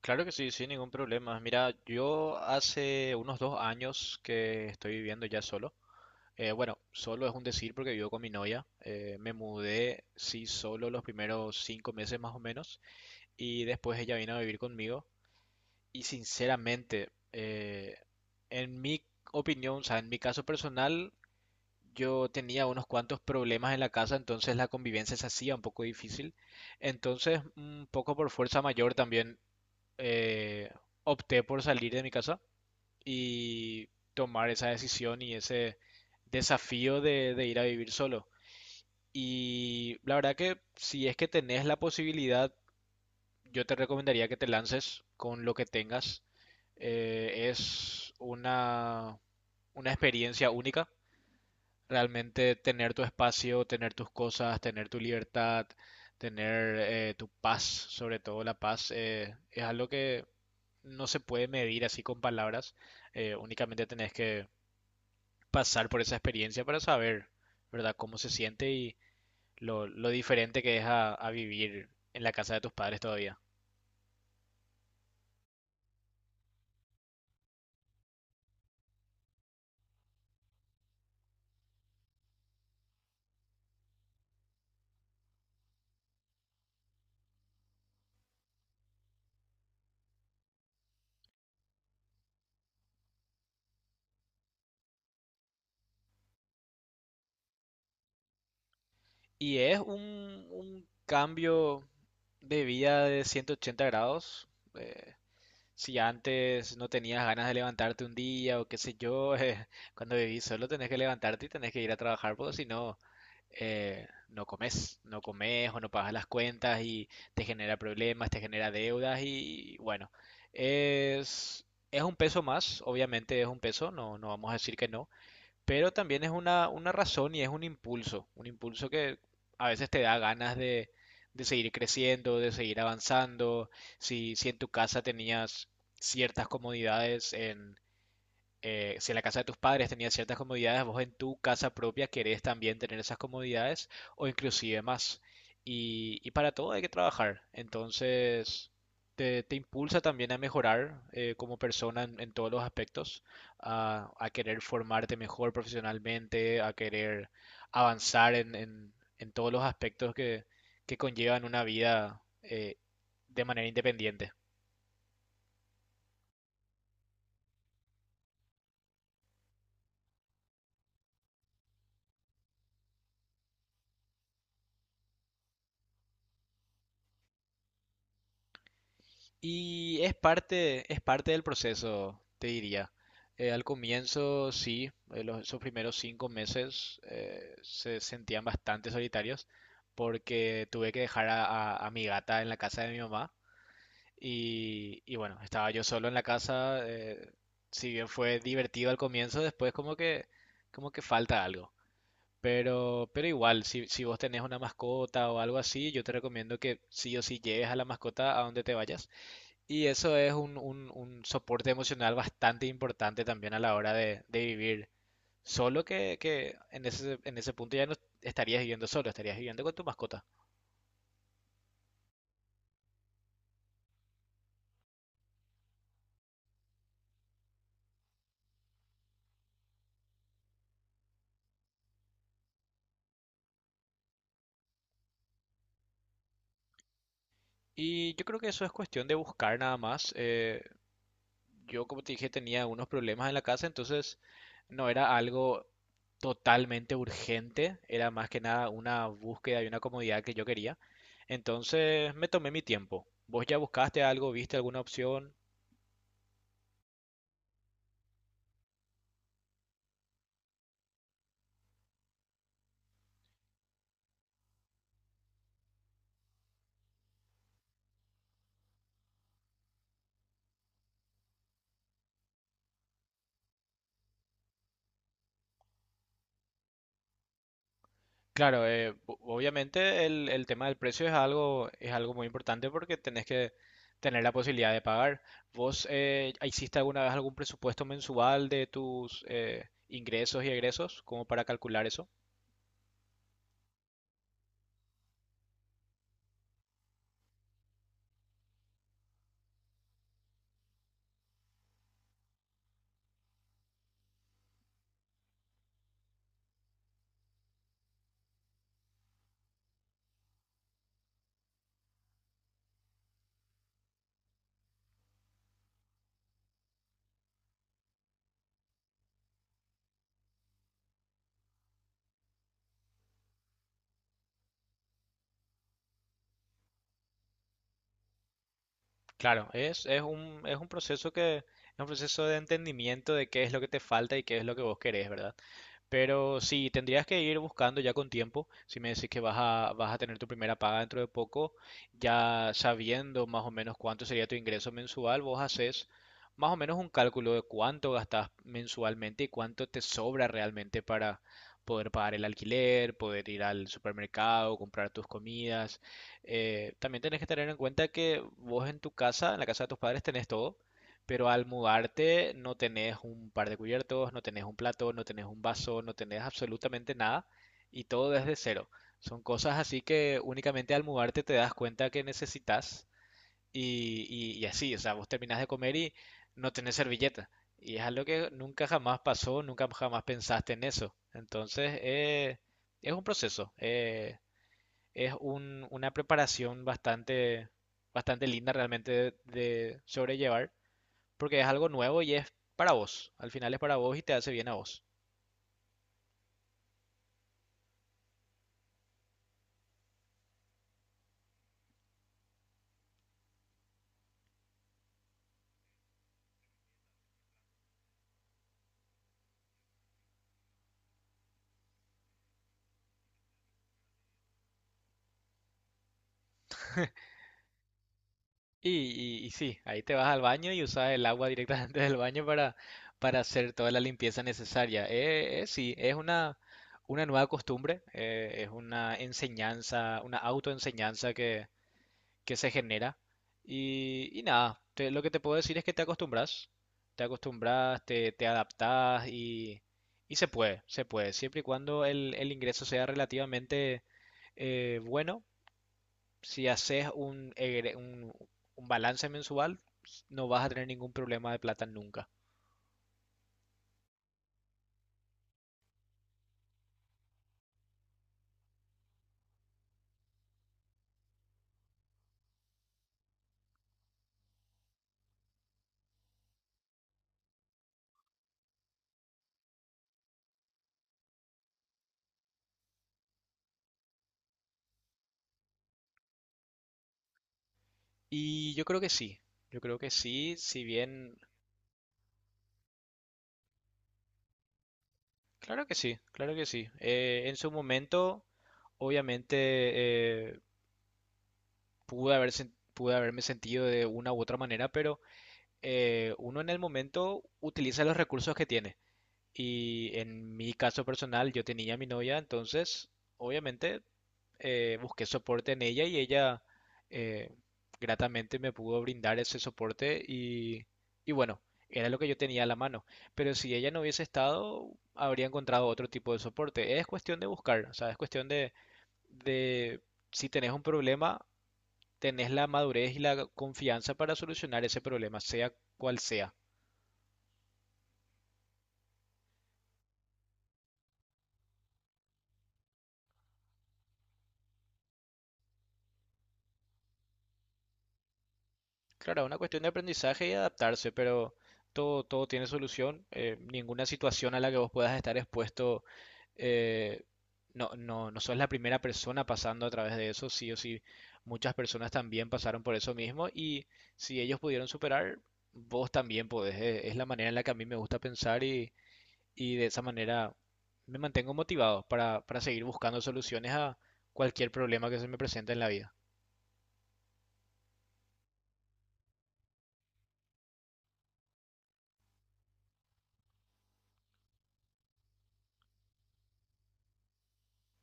Claro que sí, sin ningún problema. Mira, yo hace unos dos años que estoy viviendo ya solo. Bueno, solo es un decir porque vivo con mi novia. Me mudé, sí, solo los primeros cinco meses más o menos. Y después ella vino a vivir conmigo. Y sinceramente, en mi opinión, o sea, en mi caso personal, yo tenía unos cuantos problemas en la casa, entonces la convivencia se hacía un poco difícil. Entonces, un poco por fuerza mayor también eh, opté por salir de mi casa y tomar esa decisión y ese desafío de ir a vivir solo. Y la verdad que si es que tenés la posibilidad, yo te recomendaría que te lances con lo que tengas. Es una experiencia única. Realmente tener tu espacio, tener tus cosas, tener tu libertad, tener tu paz, sobre todo la paz, es algo que no se puede medir así con palabras, únicamente tenés que pasar por esa experiencia para saber, ¿verdad?, cómo se siente y lo diferente que es a vivir en la casa de tus padres todavía. Y es un cambio de vida de 180 grados. eh, Si antes no tenías ganas de levantarte un día o qué sé yo, cuando vivís solo tenés que levantarte y tenés que ir a trabajar porque si no, no comes, no comes o no pagas las cuentas y te genera problemas, te genera deudas y bueno, es, es un peso más, obviamente es un peso, no, no vamos a decir que no, pero también es una razón y es un impulso que a veces te da ganas de seguir creciendo, de seguir avanzando, si en tu casa tenías ciertas comodidades si en la casa de tus padres tenías ciertas comodidades, vos en tu casa propia querés también tener esas comodidades o inclusive más. Y para todo hay que trabajar. Entonces, te impulsa también a mejorar como persona en todos los aspectos, a querer formarte mejor profesionalmente, a querer avanzar en todos los aspectos que conllevan una vida de manera independiente. Y es parte del proceso, te diría. Al comienzo, sí, esos primeros cinco meses se sentían bastante solitarios porque tuve que dejar a mi gata en la casa de mi mamá, y bueno, estaba yo solo en la casa. Si bien fue divertido al comienzo, después como que falta algo. Pero igual, si vos tenés una mascota o algo así, yo te recomiendo que sí o sí lleves a la mascota a donde te vayas, y eso es un soporte emocional bastante importante también a la hora de vivir solo, que en en ese punto ya no estarías viviendo solo, estarías viviendo con tu mascota. Y yo creo que eso es cuestión de buscar nada más. Yo, como te dije, tenía unos problemas en la casa, entonces no era algo totalmente urgente, era más que nada una búsqueda y una comodidad que yo quería. Entonces me tomé mi tiempo. ¿Vos ya buscaste algo, viste alguna opción? Claro, obviamente el tema del precio es algo muy importante porque tenés que tener la posibilidad de pagar. ¿Vos hiciste alguna vez algún presupuesto mensual de tus ingresos y egresos como para calcular eso? Claro, es un proceso que, es un proceso de entendimiento de qué es lo que te falta y qué es lo que vos querés, ¿verdad? Pero sí, tendrías que ir buscando ya con tiempo. Si me decís que vas vas a tener tu primera paga dentro de poco, ya sabiendo más o menos cuánto sería tu ingreso mensual, vos haces más o menos un cálculo de cuánto gastas mensualmente y cuánto te sobra realmente para poder pagar el alquiler, poder ir al supermercado, comprar tus comidas. También tenés que tener en cuenta que vos en tu casa, en la casa de tus padres, tenés todo. Pero al mudarte no tenés un par de cubiertos, no tenés un plato, no tenés un vaso, no tenés absolutamente nada y todo desde cero. Son cosas así que únicamente al mudarte te das cuenta que necesitas, y así, o sea, vos terminás de comer y no tenés servilleta. Y es algo que nunca jamás pasó, nunca jamás pensaste en eso. Entonces, es un proceso, es una preparación bastante, bastante linda realmente de sobrellevar porque es algo nuevo y es para vos. Al final es para vos y te hace bien a vos. Y sí, ahí te vas al baño y usas el agua directamente del baño para hacer toda la limpieza necesaria. Sí, es una nueva costumbre, es una enseñanza, una autoenseñanza que se genera. Nada, lo que te puedo decir es que te acostumbras, te acostumbras, te adaptas y se puede, siempre y cuando el ingreso sea relativamente bueno. Si haces un balance mensual, no vas a tener ningún problema de plata nunca. Y yo creo que sí, yo creo que sí, si bien, claro que sí, claro que sí. En su momento, obviamente, eh, pude haberme sentido de una u otra manera, pero uno en el momento utiliza los recursos que tiene. Y en mi caso personal, yo tenía a mi novia, entonces obviamente busqué soporte en ella y ella eh, gratamente me pudo brindar ese soporte y bueno, era lo que yo tenía a la mano. Pero si ella no hubiese estado, habría encontrado otro tipo de soporte. Es cuestión de buscar, o sea, es cuestión de si tenés un problema, tenés la madurez y la confianza para solucionar ese problema, sea cual sea. Claro, es una cuestión de aprendizaje y adaptarse, pero todo, todo tiene solución. Ninguna situación a la que vos puedas estar expuesto, eh, no sos la primera persona pasando a través de eso, sí o sí. Muchas personas también pasaron por eso mismo y si ellos pudieron superar, vos también podés. Es la manera en la que a mí me gusta pensar, y de esa manera me mantengo motivado para seguir buscando soluciones a cualquier problema que se me presente en la vida.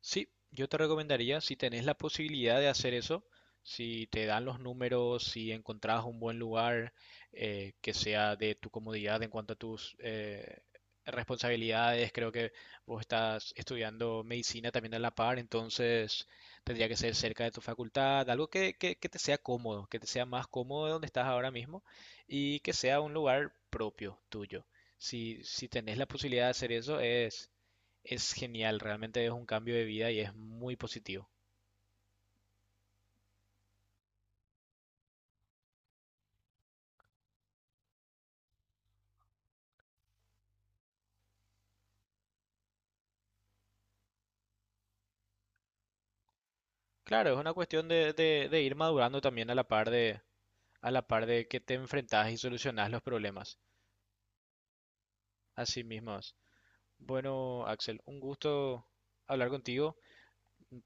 Sí, yo te recomendaría, si tenés la posibilidad de hacer eso, si te dan los números, si encontrás un buen lugar que sea de tu comodidad en cuanto a tus responsabilidades, creo que vos estás estudiando medicina también a la par, entonces tendría que ser cerca de tu facultad, algo que te sea cómodo, que te sea más cómodo de donde estás ahora mismo y que sea un lugar propio tuyo. Si, si tenés la posibilidad de hacer eso, es genial, realmente es un cambio de vida y es muy positivo. Claro, es una cuestión de ir madurando también a la par de, a la par de que te enfrentas y solucionas los problemas. Así mismo es. Bueno, Axel, un gusto hablar contigo.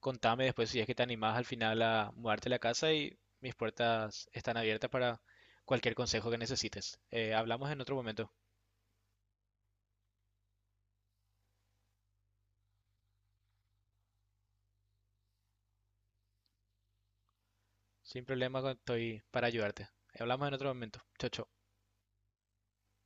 Contame después si es que te animás al final a mudarte a la casa y mis puertas están abiertas para cualquier consejo que necesites. Hablamos en otro momento. Sin problema, estoy para ayudarte. Hablamos en otro momento. Chau, chau.